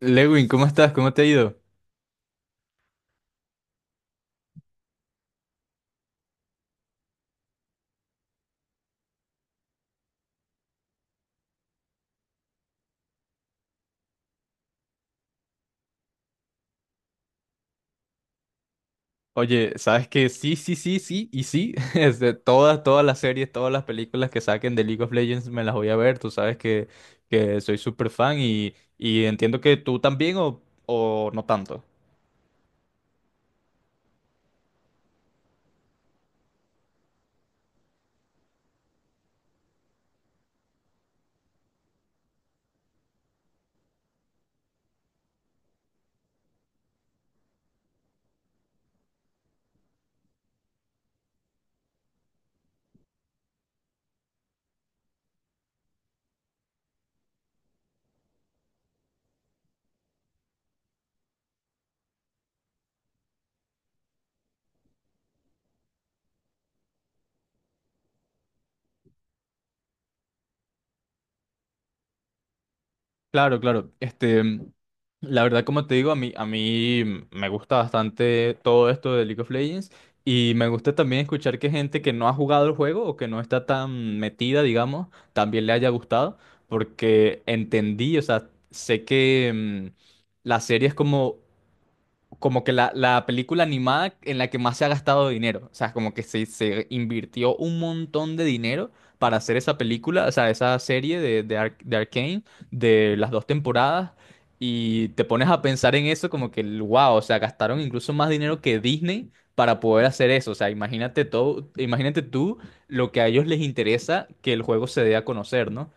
Lewin, ¿cómo estás? ¿Cómo te ha ido? Oye, sabes que sí, sí, sí, sí y sí. Todas las series, todas las películas que saquen de League of Legends me las voy a ver. Tú sabes que soy súper fan y entiendo que tú también o no tanto. Claro, claro. La verdad, como te digo, a mí me gusta bastante todo esto de League of Legends y me gusta también escuchar que gente que no ha jugado el juego o que no está tan metida, digamos, también le haya gustado, porque entendí, o sea, sé que la serie es como que la película animada en la que más se ha gastado dinero. O sea, como que se invirtió un montón de dinero para hacer esa película, o sea, esa serie de Arcane, de las dos temporadas. Y te pones a pensar en eso como que, wow, o sea, gastaron incluso más dinero que Disney para poder hacer eso. O sea, imagínate todo, imagínate tú lo que a ellos les interesa que el juego se dé a conocer, ¿no?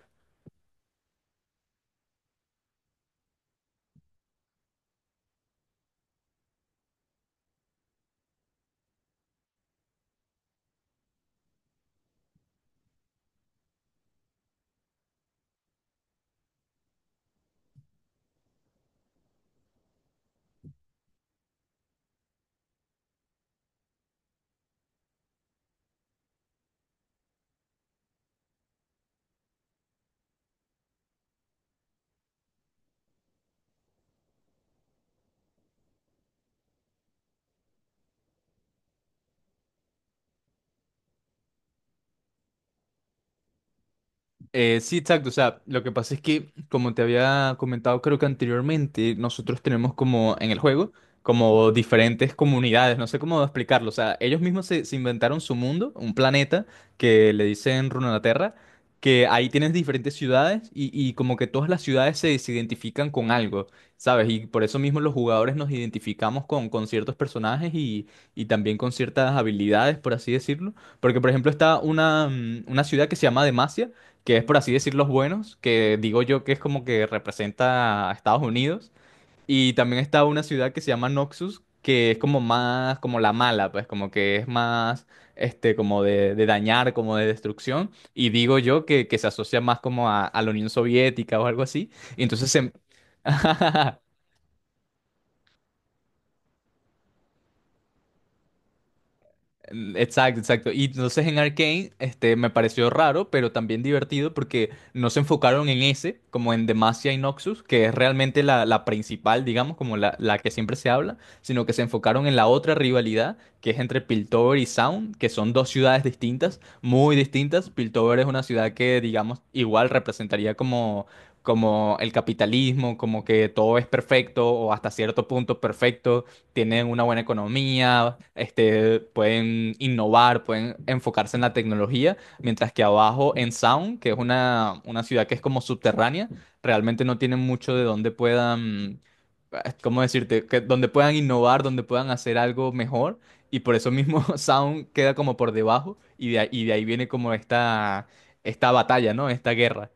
Sí, exacto. O sea, lo que pasa es que, como te había comentado, creo que anteriormente, nosotros tenemos como en el juego, como diferentes comunidades, no sé cómo explicarlo. O sea, ellos mismos se inventaron su mundo, un planeta que le dicen Runeterra, que ahí tienes diferentes ciudades y como que todas las ciudades se identifican con algo, ¿sabes? Y por eso mismo los jugadores nos identificamos con ciertos personajes y también con ciertas habilidades, por así decirlo. Porque, por ejemplo, está una ciudad que se llama Demacia, que es por así decir los buenos, que digo yo que es como que representa a Estados Unidos. Y también está una ciudad que se llama Noxus, que es como más, como la mala, pues como que es más, como de dañar, como de destrucción. Y digo yo que se asocia más como a la Unión Soviética o algo así. Y entonces se. Mm, exacto, exacto. Y entonces en Arcane, me pareció raro, pero también divertido porque no se enfocaron en ese, como en Demacia y Noxus, que es realmente la principal, digamos, como la que siempre se habla, sino que se enfocaron en la otra rivalidad, que es entre Piltover y Sound, que son dos ciudades distintas, muy distintas. Piltover es una ciudad que, digamos, igual representaría como el capitalismo, como que todo es perfecto o hasta cierto punto perfecto. Tienen una buena economía, pueden innovar, pueden enfocarse en la tecnología, mientras que abajo en Sound, que es una ciudad que es como subterránea, realmente no tienen mucho de donde puedan, ¿cómo decirte?, que, donde puedan innovar, donde puedan hacer algo mejor, y por eso mismo Sound queda como por debajo, y de ahí viene como esta batalla, ¿no? Esta guerra.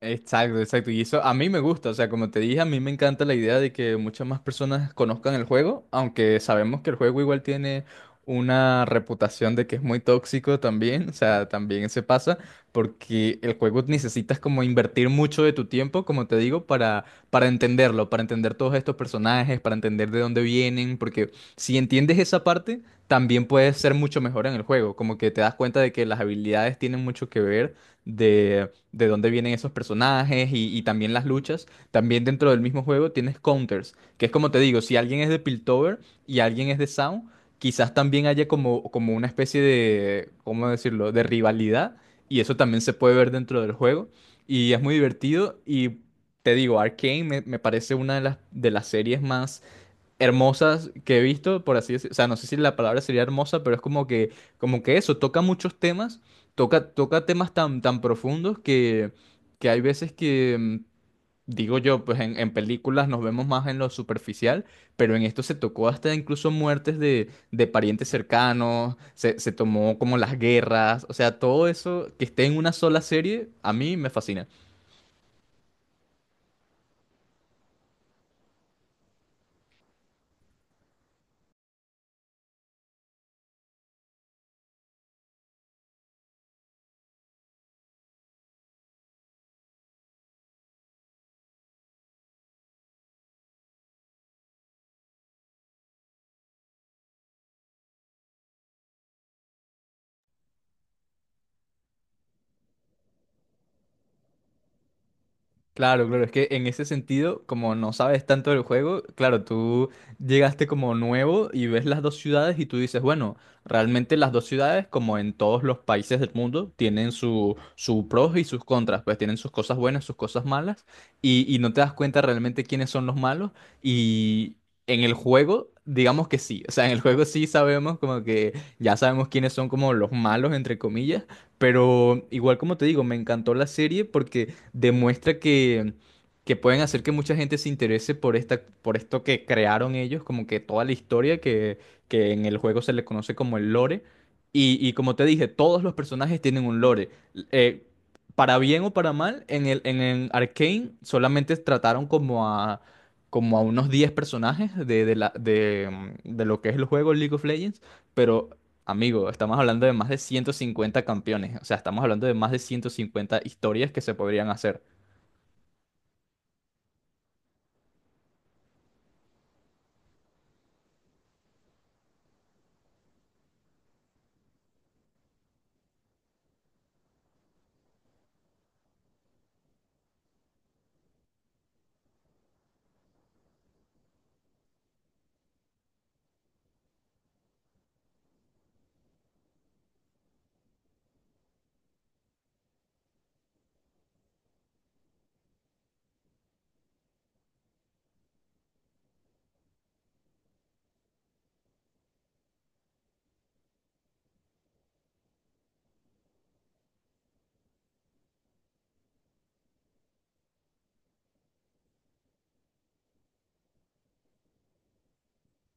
Exacto, exacto. Y eso a mí me gusta, o sea, como te dije, a mí me encanta la idea de que muchas más personas conozcan el juego, aunque sabemos que el juego igual tiene una reputación de que es muy tóxico también, o sea, también se pasa, porque el juego necesitas como invertir mucho de tu tiempo, como te digo, para entenderlo, para entender todos estos personajes, para entender de dónde vienen, porque si entiendes esa parte, también puedes ser mucho mejor en el juego, como que te das cuenta de que las habilidades tienen mucho que ver de dónde vienen esos personajes y también las luchas. También dentro del mismo juego tienes counters, que es como te digo, si alguien es de Piltover y alguien es de Sound, quizás también haya como una especie de, ¿cómo decirlo?, de rivalidad y eso también se puede ver dentro del juego y es muy divertido y te digo, Arcane me parece una de las series más hermosas que he visto, por así decirlo. O sea, no sé si la palabra sería hermosa, pero es como que eso, toca muchos temas, toca temas tan, tan profundos que hay veces que, digo yo, pues en películas nos vemos más en lo superficial, pero en esto se tocó hasta incluso muertes de parientes cercanos, se tomó como las guerras, o sea, todo eso que esté en una sola serie, a mí me fascina. Claro, claro, es que en ese sentido, como no sabes tanto del juego, claro, tú llegaste como nuevo y ves las dos ciudades y tú dices, bueno, realmente las dos ciudades, como en todos los países del mundo, tienen su pros y sus contras, pues tienen sus cosas buenas, sus cosas malas, y no te das cuenta realmente quiénes son los malos. Y en el juego, digamos que sí, o sea, en el juego sí sabemos como que ya sabemos quiénes son como los malos, entre comillas, pero igual como te digo, me encantó la serie porque demuestra que pueden hacer que mucha gente se interese por esta, por esto que crearon ellos, como que toda la historia que en el juego se le conoce como el lore. Y como te dije, todos los personajes tienen un lore. Eh, para bien o para mal, en el Arcane solamente trataron como a unos 10 personajes de la, de, mm, de lo que es el juego League of Legends, pero, amigo, estamos hablando de más de 150 campeones, o sea, estamos hablando de más de 150 historias que se podrían hacer.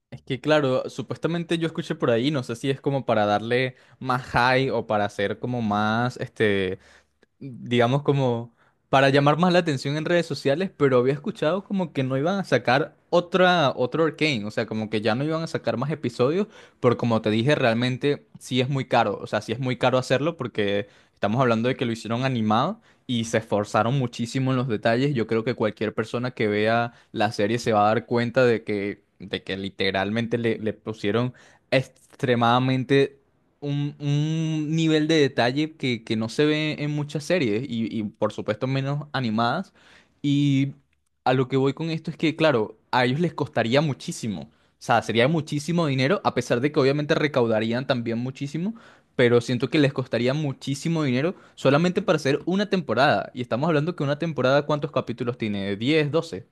Es que claro, supuestamente yo escuché por ahí, no sé si es como para darle más high o para hacer como más, digamos, como para llamar más la atención en redes sociales, pero había escuchado como que no iban a sacar otra, otro Arcane, o sea, como que ya no iban a sacar más episodios, pero como te dije, realmente sí es muy caro, o sea, sí es muy caro hacerlo porque estamos hablando de que lo hicieron animado y se esforzaron muchísimo en los detalles. Yo creo que cualquier persona que vea la serie se va a dar cuenta de que literalmente le pusieron extremadamente un nivel de detalle que no se ve en muchas series y por supuesto menos animadas. Y a lo que voy con esto es que, claro, a ellos les costaría muchísimo. O sea, sería muchísimo dinero, a pesar de que obviamente recaudarían también muchísimo, pero siento que les costaría muchísimo dinero solamente para hacer una temporada. Y estamos hablando que una temporada, ¿cuántos capítulos tiene? 10, 12